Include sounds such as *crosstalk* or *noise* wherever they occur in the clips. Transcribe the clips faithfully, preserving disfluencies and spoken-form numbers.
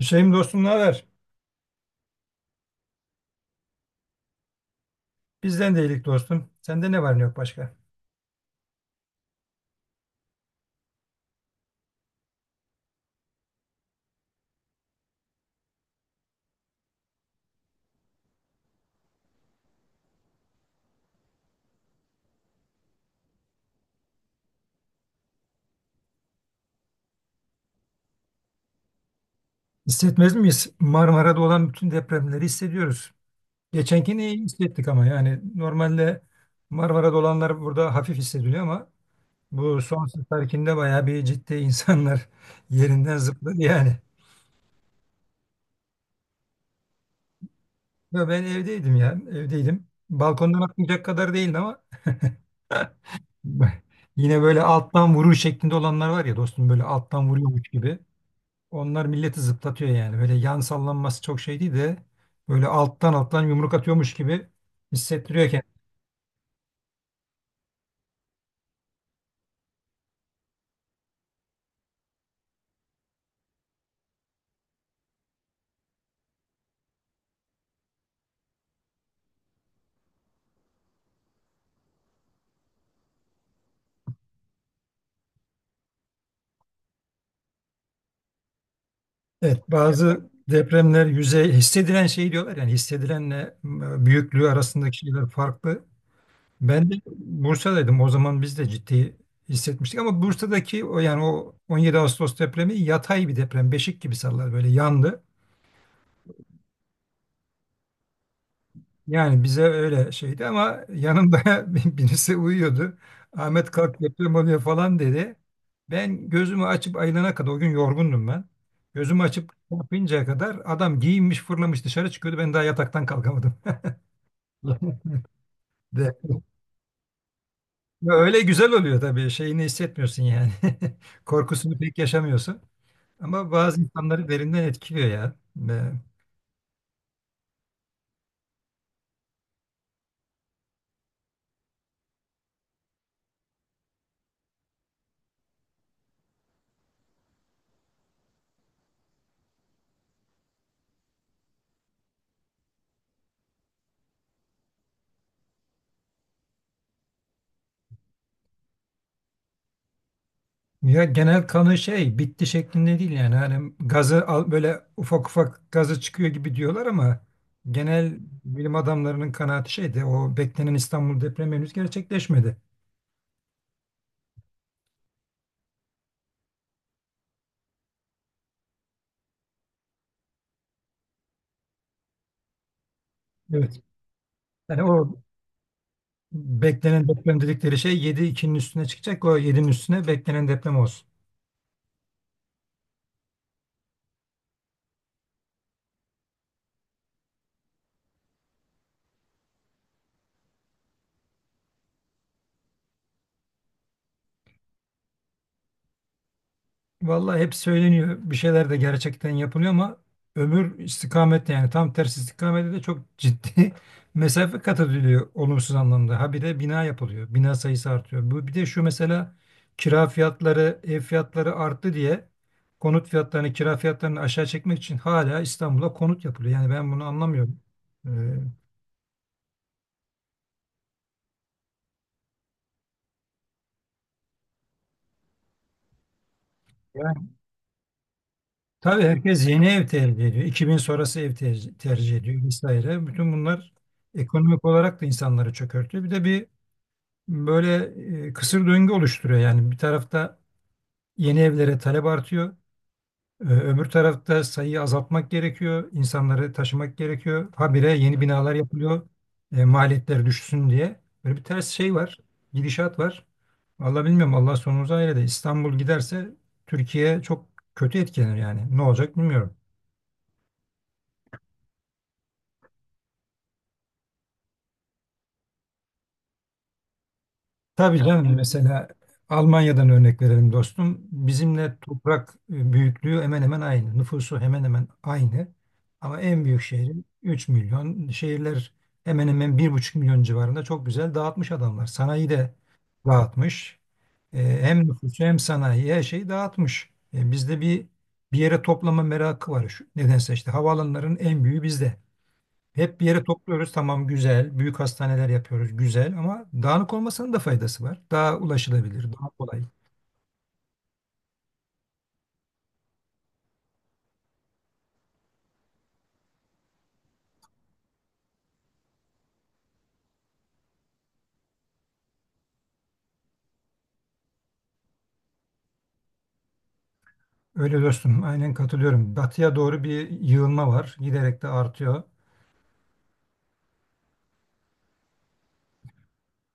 Hüseyin dostum, ne haber? Bizden de iyilik dostum. Sende ne var ne yok başka? Hissetmez miyiz? Marmara'da olan bütün depremleri hissediyoruz. Geçenkini iyi hissettik ama yani normalde Marmara'da olanlar burada hafif hissediliyor ama bu son seferkinde bayağı bir ciddi insanlar *laughs* yerinden zıpladı yani. Ya ben evdeydim ya evdeydim. Balkondan atlayacak kadar değildi ama *laughs* yine böyle alttan vuruş şeklinde olanlar var ya dostum, böyle alttan vuruyormuş gibi. Onlar milleti zıplatıyor yani. Böyle yan sallanması çok şey değil de böyle alttan alttan yumruk atıyormuş gibi hissettiriyor kendini. Evet, bazı depremler yüzey hissedilen şey diyorlar yani hissedilenle m, büyüklüğü arasındaki şeyler farklı. Ben de Bursa'daydım. O zaman biz de ciddi hissetmiştik ama Bursa'daki o yani o on yedi Ağustos depremi yatay bir deprem, beşik gibi sallar böyle yandı. Yani bize öyle şeydi ama yanımda *laughs* bir- birisi uyuyordu. Ahmet kalk deprem oluyor falan dedi. Ben gözümü açıp ayılana kadar o gün yorgundum ben. Gözümü açıp kapayıncaya kadar adam giyinmiş fırlamış dışarı çıkıyordu. Ben daha yataktan kalkamadım. *laughs* De. Ya öyle güzel oluyor tabii. Şeyini hissetmiyorsun yani. *laughs* Korkusunu pek yaşamıyorsun. Ama bazı insanları derinden etkiliyor ya. Ya genel kanı şey bitti şeklinde değil yani hani gazı al, böyle ufak ufak gazı çıkıyor gibi diyorlar ama genel bilim adamlarının kanaati şeydi, o beklenen İstanbul depremi henüz gerçekleşmedi. Evet. Yani o beklenen deprem dedikleri şey yedi ikinin üstüne çıkacak, o yedi'nin üstüne beklenen deprem olsun. Vallahi hep söyleniyor. Bir şeyler de gerçekten yapılıyor ama öbür istikamette yani tam tersi istikamette de çok ciddi *laughs* mesafe kat ediliyor olumsuz anlamda. Ha bir de bina yapılıyor. Bina sayısı artıyor. Bu bir de şu mesela, kira fiyatları, ev fiyatları arttı diye konut fiyatlarını, kira fiyatlarını aşağı çekmek için hala İstanbul'a konut yapılıyor. Yani ben bunu anlamıyorum. Ee, Yani tabii herkes yeni ev tercih ediyor. iki bin sonrası ev tercih tercih ediyor vesaire. Bütün bunlar ekonomik olarak da insanları çökertiyor. Bir de bir böyle e, kısır döngü oluşturuyor. Yani bir tarafta yeni evlere talep artıyor. e, Öbür tarafta sayıyı azaltmak gerekiyor. İnsanları taşımak gerekiyor. Habire yeni binalar yapılıyor. E, maliyetler düşsün diye. Böyle bir ters şey var. Gidişat var. Vallahi bilmiyorum. Allah sonumuzu hayır eder. İstanbul giderse Türkiye çok kötü etkilenir yani. Ne olacak bilmiyorum. Tabii canım, mesela Almanya'dan örnek verelim dostum. Bizimle toprak e, büyüklüğü hemen hemen aynı. Nüfusu hemen hemen aynı. Ama en büyük şehri üç milyon. Şehirler hemen hemen bir buçuk milyon civarında, çok güzel dağıtmış adamlar. Sanayi de dağıtmış. E, hem nüfusu hem sanayi her şeyi dağıtmış. E, bizde bir bir yere toplama merakı var. Şu, nedense işte havaalanların en büyüğü bizde. Hep bir yere topluyoruz, tamam güzel. Büyük hastaneler yapıyoruz güzel ama dağınık olmasının da faydası var. Daha ulaşılabilir, daha kolay. Öyle dostum, aynen katılıyorum. Batıya doğru bir yığılma var. Giderek de artıyor.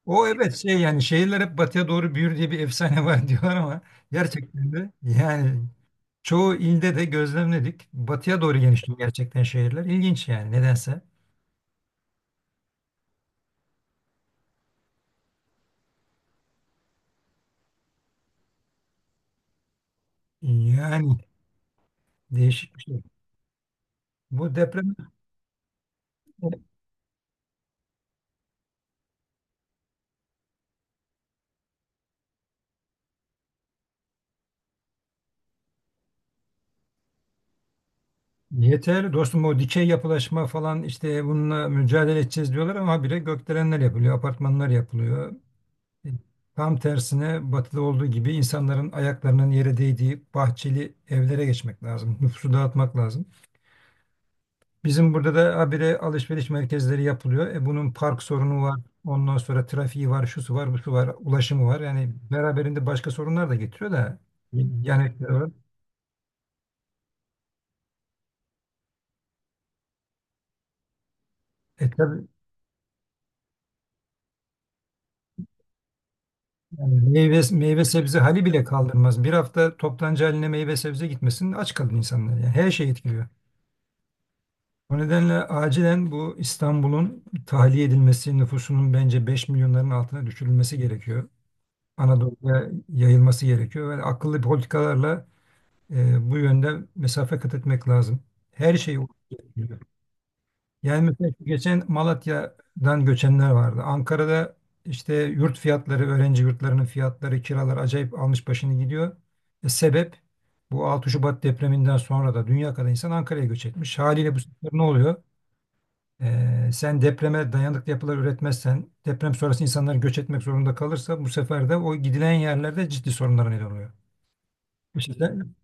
O evet şey yani şehirler hep batıya doğru büyür diye bir efsane var *laughs* diyorlar ama gerçekten de yani çoğu ilde de gözlemledik. Batıya doğru genişliyor gerçekten şehirler. İlginç yani nedense. Yani değişik bir şey. Bu deprem. Yeter dostum, o dikey yapılaşma falan işte bununla mücadele edeceğiz diyorlar ama habire gökdelenler yapılıyor, apartmanlar yapılıyor. E, tam tersine batıda olduğu gibi insanların ayaklarının yere değdiği bahçeli evlere geçmek lazım. Nüfusu dağıtmak lazım. Bizim burada da habire alışveriş merkezleri yapılıyor. E bunun park sorunu var. Ondan sonra trafiği var, şusu var, busu var, ulaşımı var. Yani beraberinde başka sorunlar da getiriyor da yani e, tabii. Yani meyve, meyve sebze hali bile kaldırmaz. Bir hafta toptancı haline meyve sebze gitmesin aç kalır insanlar. Yani her şey etkiliyor. O nedenle acilen bu İstanbul'un tahliye edilmesi, nüfusunun bence beş milyonların altına düşürülmesi gerekiyor. Anadolu'ya yayılması gerekiyor ve akıllı politikalarla e, bu yönde mesafe kat etmek lazım. Her şeyi etkiliyor. Yani mesela şu geçen Malatya'dan göçenler vardı. Ankara'da işte yurt fiyatları, öğrenci yurtlarının fiyatları, kiralar acayip almış başını gidiyor. E, sebep bu altı Şubat depreminden sonra da dünya kadar insan Ankara'ya göç etmiş. Haliyle bu sefer ne oluyor? E, sen depreme dayanıklı yapılar üretmezsen, deprem sonrası insanlar göç etmek zorunda kalırsa bu sefer de o gidilen yerlerde ciddi sorunlara neden oluyor. İşte ben-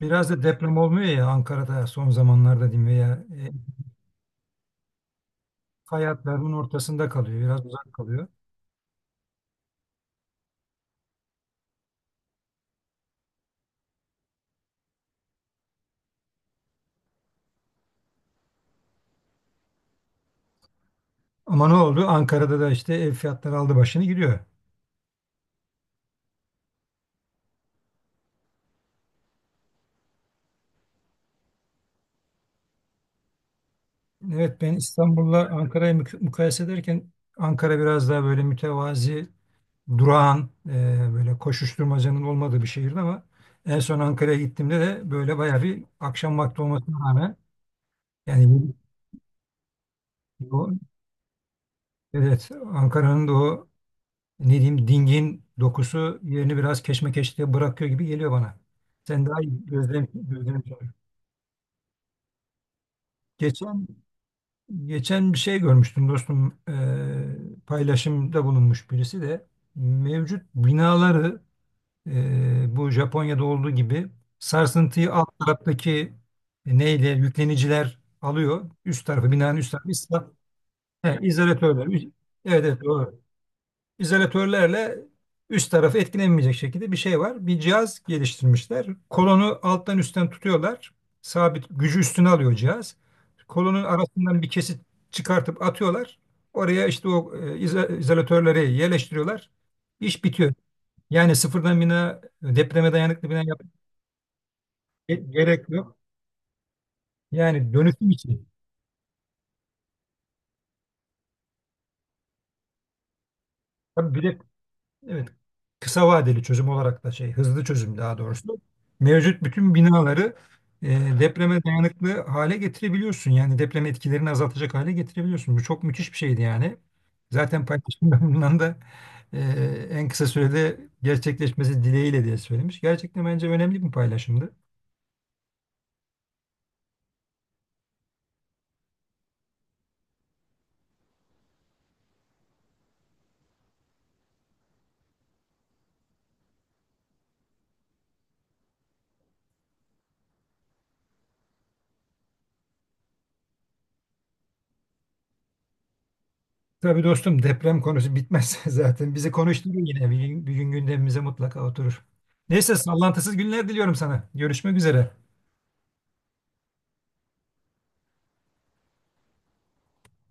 Biraz da deprem olmuyor ya Ankara'da son zamanlarda diyeyim veya e, hayatlarının ortasında kalıyor, biraz uzak kalıyor. Ama ne oldu? Ankara'da da işte ev fiyatları aldı başını gidiyor. Evet ben İstanbul'la Ankara'yı mük- mukayese ederken Ankara biraz daha böyle mütevazi, durağan, e, böyle koşuşturmacanın olmadığı bir şehirdi ama en son Ankara'ya gittiğimde de böyle bayağı bir akşam vakti olmasına rağmen yani o, evet Ankara'nın da o, ne diyeyim, dingin dokusu yerini biraz keşmekeşliğe bırakıyor gibi geliyor bana. Sen daha iyi gözlem, gözlem. Geçen Geçen bir şey görmüştüm dostum. Eee, paylaşımda bulunmuş birisi de mevcut binaları eee, bu Japonya'da olduğu gibi sarsıntıyı alt taraftaki neyle yükleniciler alıyor. Üst tarafı binanın üst tarafı ıslah, he, izolatörler. Üst- Evet evet doğru, izolatörlerle üst tarafı etkilenmeyecek şekilde bir şey var. Bir cihaz geliştirmişler. Kolonu alttan üstten tutuyorlar. Sabit gücü üstüne alıyor cihaz. Kolonun arasından bir kesit çıkartıp atıyorlar. Oraya işte o e, izo- izolatörleri yerleştiriyorlar. İş bitiyor. Yani sıfırdan bina, depreme dayanıklı bina yapmak ge- gerek yok. Yani dönüşüm için. Tabii bir de evet, kısa vadeli çözüm olarak da şey, hızlı çözüm daha doğrusu, mevcut bütün binaları e, depreme dayanıklı hale getirebiliyorsun. Yani deprem etkilerini azaltacak hale getirebiliyorsun. Bu çok müthiş bir şeydi yani. Zaten paylaşımda *laughs* bundan da e, en kısa sürede gerçekleşmesi dileğiyle diye söylemiş. Gerçekten bence önemli bir paylaşımdı. Tabii dostum, deprem konusu bitmez *laughs* zaten. Bizi konuşturur yine. Bir gün, bir gün gündemimize mutlaka oturur. Neyse, sallantısız günler diliyorum sana. Görüşmek üzere.